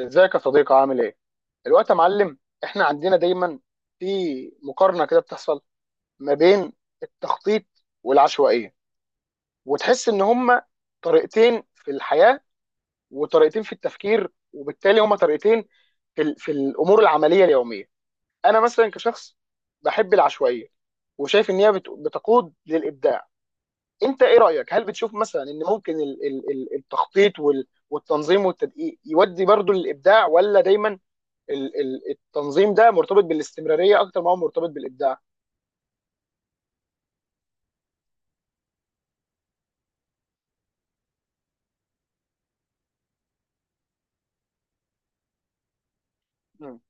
ازيك يا صديقي، عامل ايه؟ الوقت يا معلم. احنا عندنا دايما في مقارنه كده بتحصل ما بين التخطيط والعشوائيه، وتحس ان هما طريقتين في الحياه، وطريقتين في التفكير، وبالتالي هما طريقتين في الامور العمليه اليوميه. انا مثلا كشخص بحب العشوائيه، وشايف ان هي بتقود للابداع. انت ايه رايك؟ هل بتشوف مثلا ان ممكن التخطيط والتنظيم والتدقيق يودي برضو للابداع، ولا دايما التنظيم ده مرتبط بالاستمراريه اكتر ما هو مرتبط بالابداع؟ مم.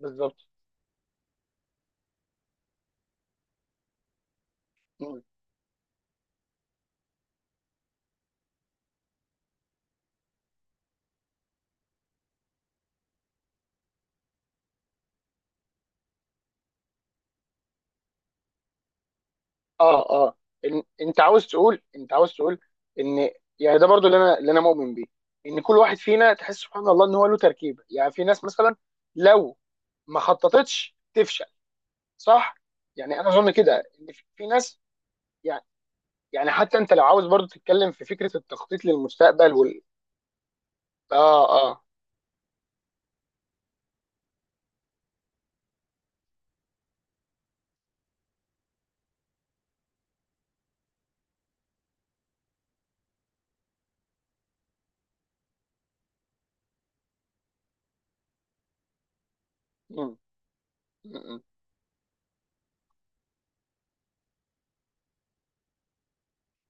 بالظبط. مم. اه اه، إن انت عاوز تقول انت عاوز تقول ان يعني ده برضو اللي انا مؤمن بيه، ان كل واحد فينا تحس سبحان الله ان هو له تركيبه. يعني في ناس مثلا لو ما خططتش تفشل، صح؟ يعني انا اظن كده ان في ناس، يعني يعني حتى انت لو عاوز برضو تتكلم في فكره التخطيط للمستقبل وال اه اه. مم.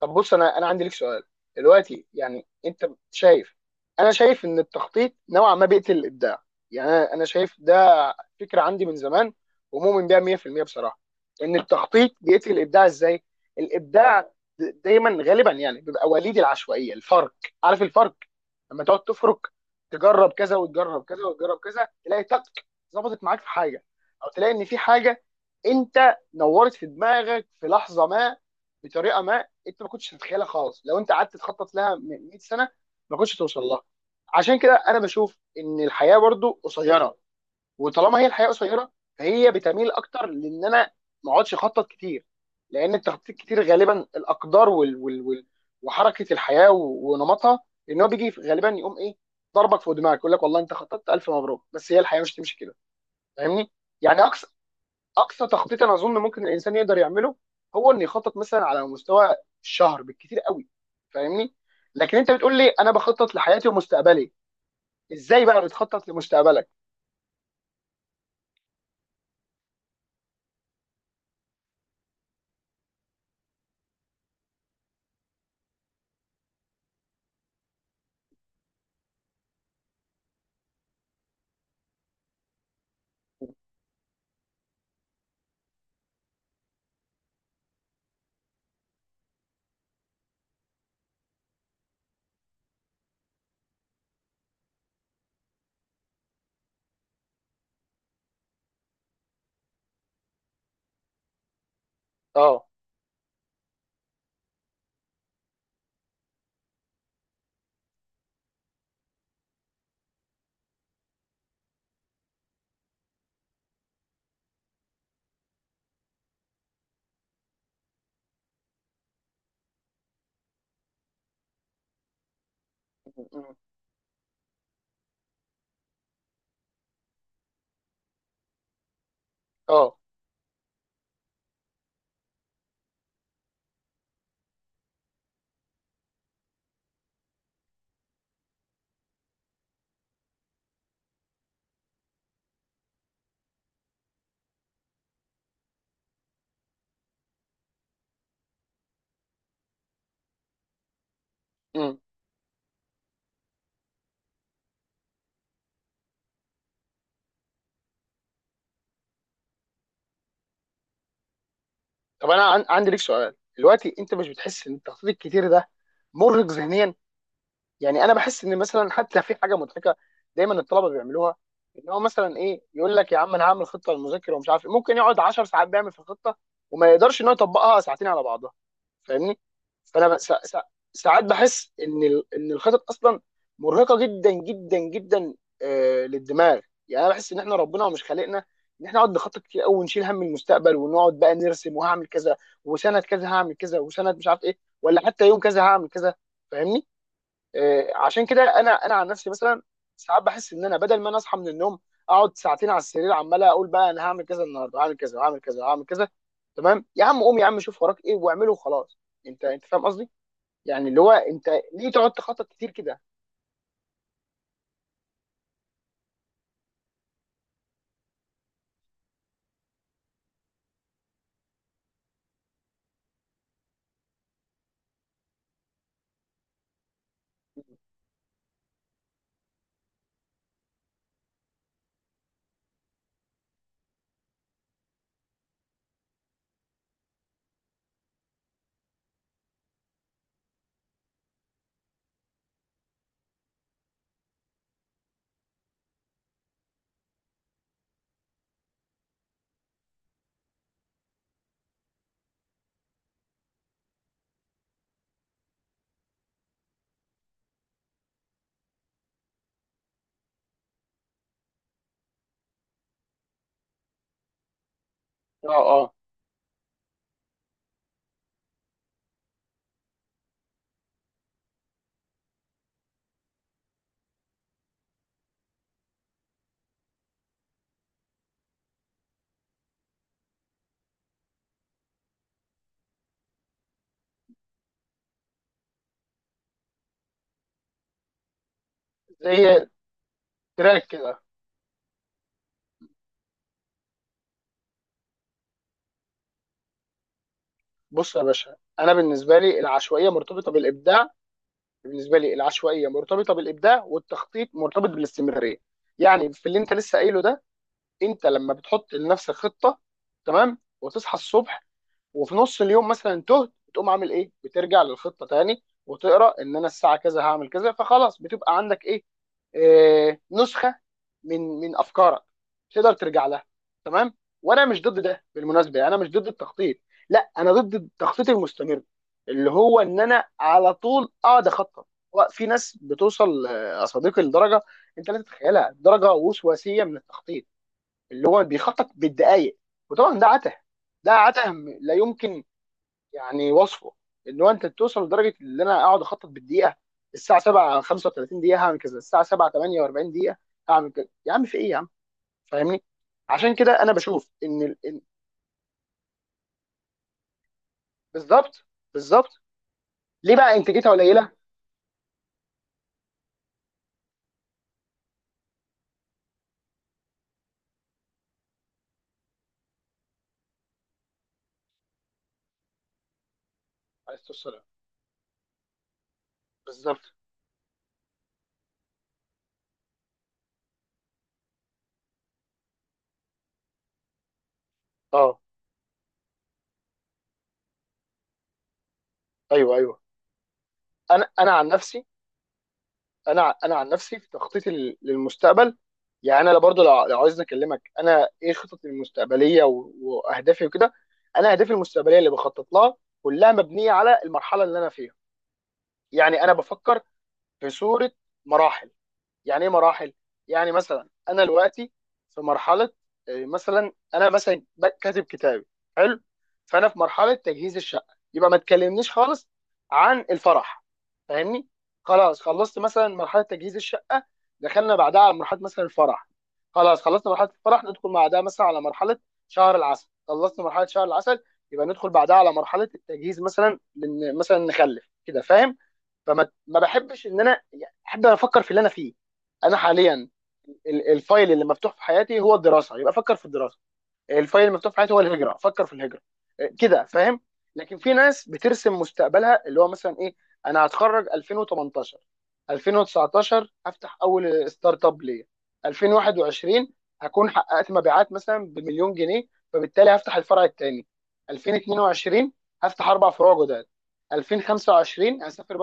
طب بص، انا عندي لك سؤال دلوقتي. يعني انت شايف انا شايف ان التخطيط نوعا ما بيقتل الابداع. يعني انا شايف ده فكره عندي من زمان، ومؤمن بيها 100% بصراحه. ان التخطيط بيقتل الابداع ازاي؟ الابداع دايما غالبا يعني بيبقى وليد العشوائيه. الفرق، عارف الفرق؟ لما تقعد تفرك، تجرب كذا وتجرب كذا وتجرب كذا، تلاقي ظبطت معاك في حاجه، او تلاقي ان في حاجه انت نورت في دماغك في لحظه ما، بطريقه ما انت ما كنتش تتخيلها خالص. لو انت قعدت تخطط لها من 100 سنه ما كنتش توصل لها. عشان كده انا بشوف ان الحياه برضو قصيره، وطالما هي الحياه قصيره، فهي بتميل اكتر لان انا ما اقعدش اخطط كتير. لان التخطيط كتير غالبا الاقدار وال وال وال وحركه الحياه ونمطها، ان هو بيجي غالبا يقوم ايه؟ ضربك فوق دماغك يقول لك والله انت خططت، الف مبروك، بس هي الحياه مش تمشي كده. فاهمني؟ يعني اقصى تخطيط انا اظن ممكن الانسان يقدر يعمله هو انه يخطط مثلا على مستوى الشهر بالكتير قوي. فاهمني؟ لكن انت بتقول لي انا بخطط لحياتي ومستقبلي، ازاي بقى بتخطط لمستقبلك؟ اه اه. طب انا عندي ليك سؤال دلوقتي. انت مش بتحس ان التخطيط الكتير ده مرهق ذهنيا؟ يعني انا بحس ان مثلا حتى في حاجه مضحكه دايما الطلبه بيعملوها، ان هو مثلا ايه، يقول لك يا عم انا هعمل خطه للمذاكره ومش عارف إيه. ممكن يقعد 10 ساعات بيعمل في الخطه، وما يقدرش ان هو يطبقها ساعتين على بعضها. فاهمني؟ فانا ساعات بحس ان ان الخطط اصلا مرهقه جدا جدا جدا، للدماغ. يعني انا بحس ان احنا ربنا مش خالقنا ان احنا نقعد نخطط كتير قوي ونشيل هم المستقبل، ونقعد بقى نرسم وهعمل كذا، وسنه كذا هعمل كذا، وسنه مش عارف ايه، ولا حتى يوم كذا هعمل كذا. فاهمني؟ عشان كده انا عن نفسي مثلا، ساعات بحس ان انا بدل ما انا اصحى من النوم، اقعد ساعتين على السرير عمال اقول بقى انا هعمل كذا النهارده، هعمل كذا وهعمل كذا وهعمل كذا. تمام يا عم، قوم يا عم شوف وراك ايه واعمله وخلاص. انت فاهم قصدي؟ يعني اللي هو انت ليه تقعد تخطط كتير كده؟ اه اه. زي تراك كده. بص يا باشا، انا بالنسبه لي العشوائيه مرتبطه بالابداع. بالنسبه لي العشوائيه مرتبطه بالابداع، والتخطيط مرتبط بالاستمراريه. يعني في اللي انت لسه قايله ده، انت لما بتحط لنفسك خطه، تمام، وتصحى الصبح، وفي نص اليوم مثلا تهت، بتقوم عامل ايه؟ بترجع للخطه تاني وتقرا ان انا الساعه كذا هعمل كذا، فخلاص بتبقى عندك ايه، نسخه من افكارك تقدر ترجع لها. تمام. وانا مش ضد ده بالمناسبه، يعني انا مش ضد التخطيط، لا، انا ضد التخطيط المستمر اللي هو ان انا على طول اقعد اخطط. في ناس بتوصل، يا صديقي، لدرجه انت لا تتخيلها، درجه وسواسيه من التخطيط، اللي هو بيخطط بالدقايق، وطبعا ده عته. ده عته. لا يمكن. يعني وصفه ان هو انت توصل لدرجه ان انا اقعد اخطط بالدقيقه، الساعه 7 35 دقيقه هعمل كذا، الساعه 7 48 دقيقه هعمل كذا، يا عم في ايه يا عم؟ فاهمني؟ عشان كده انا بشوف ان بالظبط. بالظبط. ليه بقى انتاجيتها قليله؟ عليه الصلاه والسلام. بالظبط. اه، ايوه ايوه. انا عن نفسي، انا انا عن نفسي في تخطيطي للمستقبل. يعني انا برضو لو عايز اكلمك انا ايه خططي المستقبليه واهدافي وكده. انا اهدافي المستقبليه اللي بخطط لها كلها مبنيه على المرحله اللي انا فيها. يعني انا بفكر في صوره مراحل، يعني ايه مراحل؟ يعني مثلا انا دلوقتي في مرحله، مثلا انا مثلا كاتب كتابي، حلو، فانا في مرحله تجهيز الشقه، يبقى ما تكلمنيش خالص عن الفرح، فاهمني؟ خلاص خلصت مثلا مرحله تجهيز الشقه، دخلنا بعدها على مرحله مثلا الفرح، خلاص خلصنا مرحله الفرح، ندخل بعدها مثلا على مرحله شهر العسل، خلصنا مرحله شهر العسل، يبقى ندخل بعدها على مرحله التجهيز مثلا مثلا نخلف كده، فاهم؟ فما ما بحبش ان انا يعني احب أنا افكر في اللي انا فيه. انا حاليا الفايل اللي مفتوح في حياتي هو الدراسه، يبقى افكر في الدراسه. الفايل اللي مفتوح في حياتي هو الهجره، افكر في الهجره. إيه، كده فاهم؟ لكن في ناس بترسم مستقبلها اللي هو مثلا ايه، انا هتخرج 2018، 2019 هفتح اول ستارت اب ليا، 2021 هكون حققت مبيعات مثلا بمليون جنيه، فبالتالي هفتح الفرع الثاني، 2022 هفتح اربع فروع جداد، 2025 هسافر.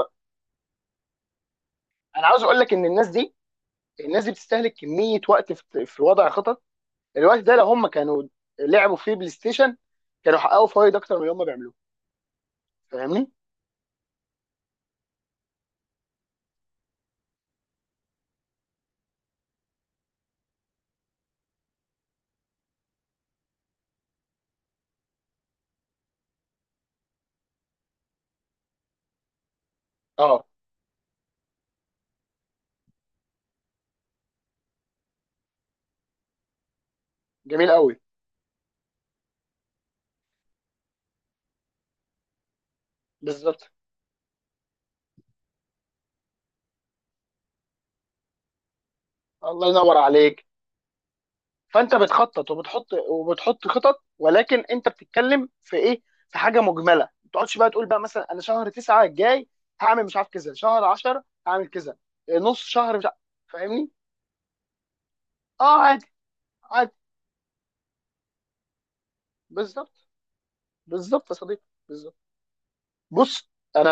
انا عاوز اقول لك ان الناس دي، بتستهلك كميه وقت في وضع خطط. الوقت ده لو هم كانوا لعبوا فيه بلاي ستيشن، كانوا حققوا فوائد اكتر من اللي هم بيعملوه. فاهمني؟ اه، جميل قوي. بالظبط. الله ينور عليك. فانت بتخطط وبتحط خطط، ولكن انت بتتكلم في ايه؟ في حاجه مجمله. ما تقعدش بقى تقول بقى مثلا انا شهر تسعة الجاي هعمل مش عارف كذا، شهر 10 هعمل كذا، نص شهر مش عارف. فاهمني؟ اه، عادي، عادي. بالظبط. بالظبط يا صديقي. بالظبط. بص، انا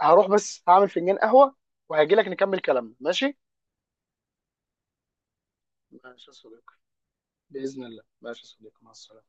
هروح بس هعمل فنجان قهوه وهجي لك نكمل كلامنا، ماشي؟ ماشي يا صديقي باذن الله. ماشي يا صديقي، مع السلامه.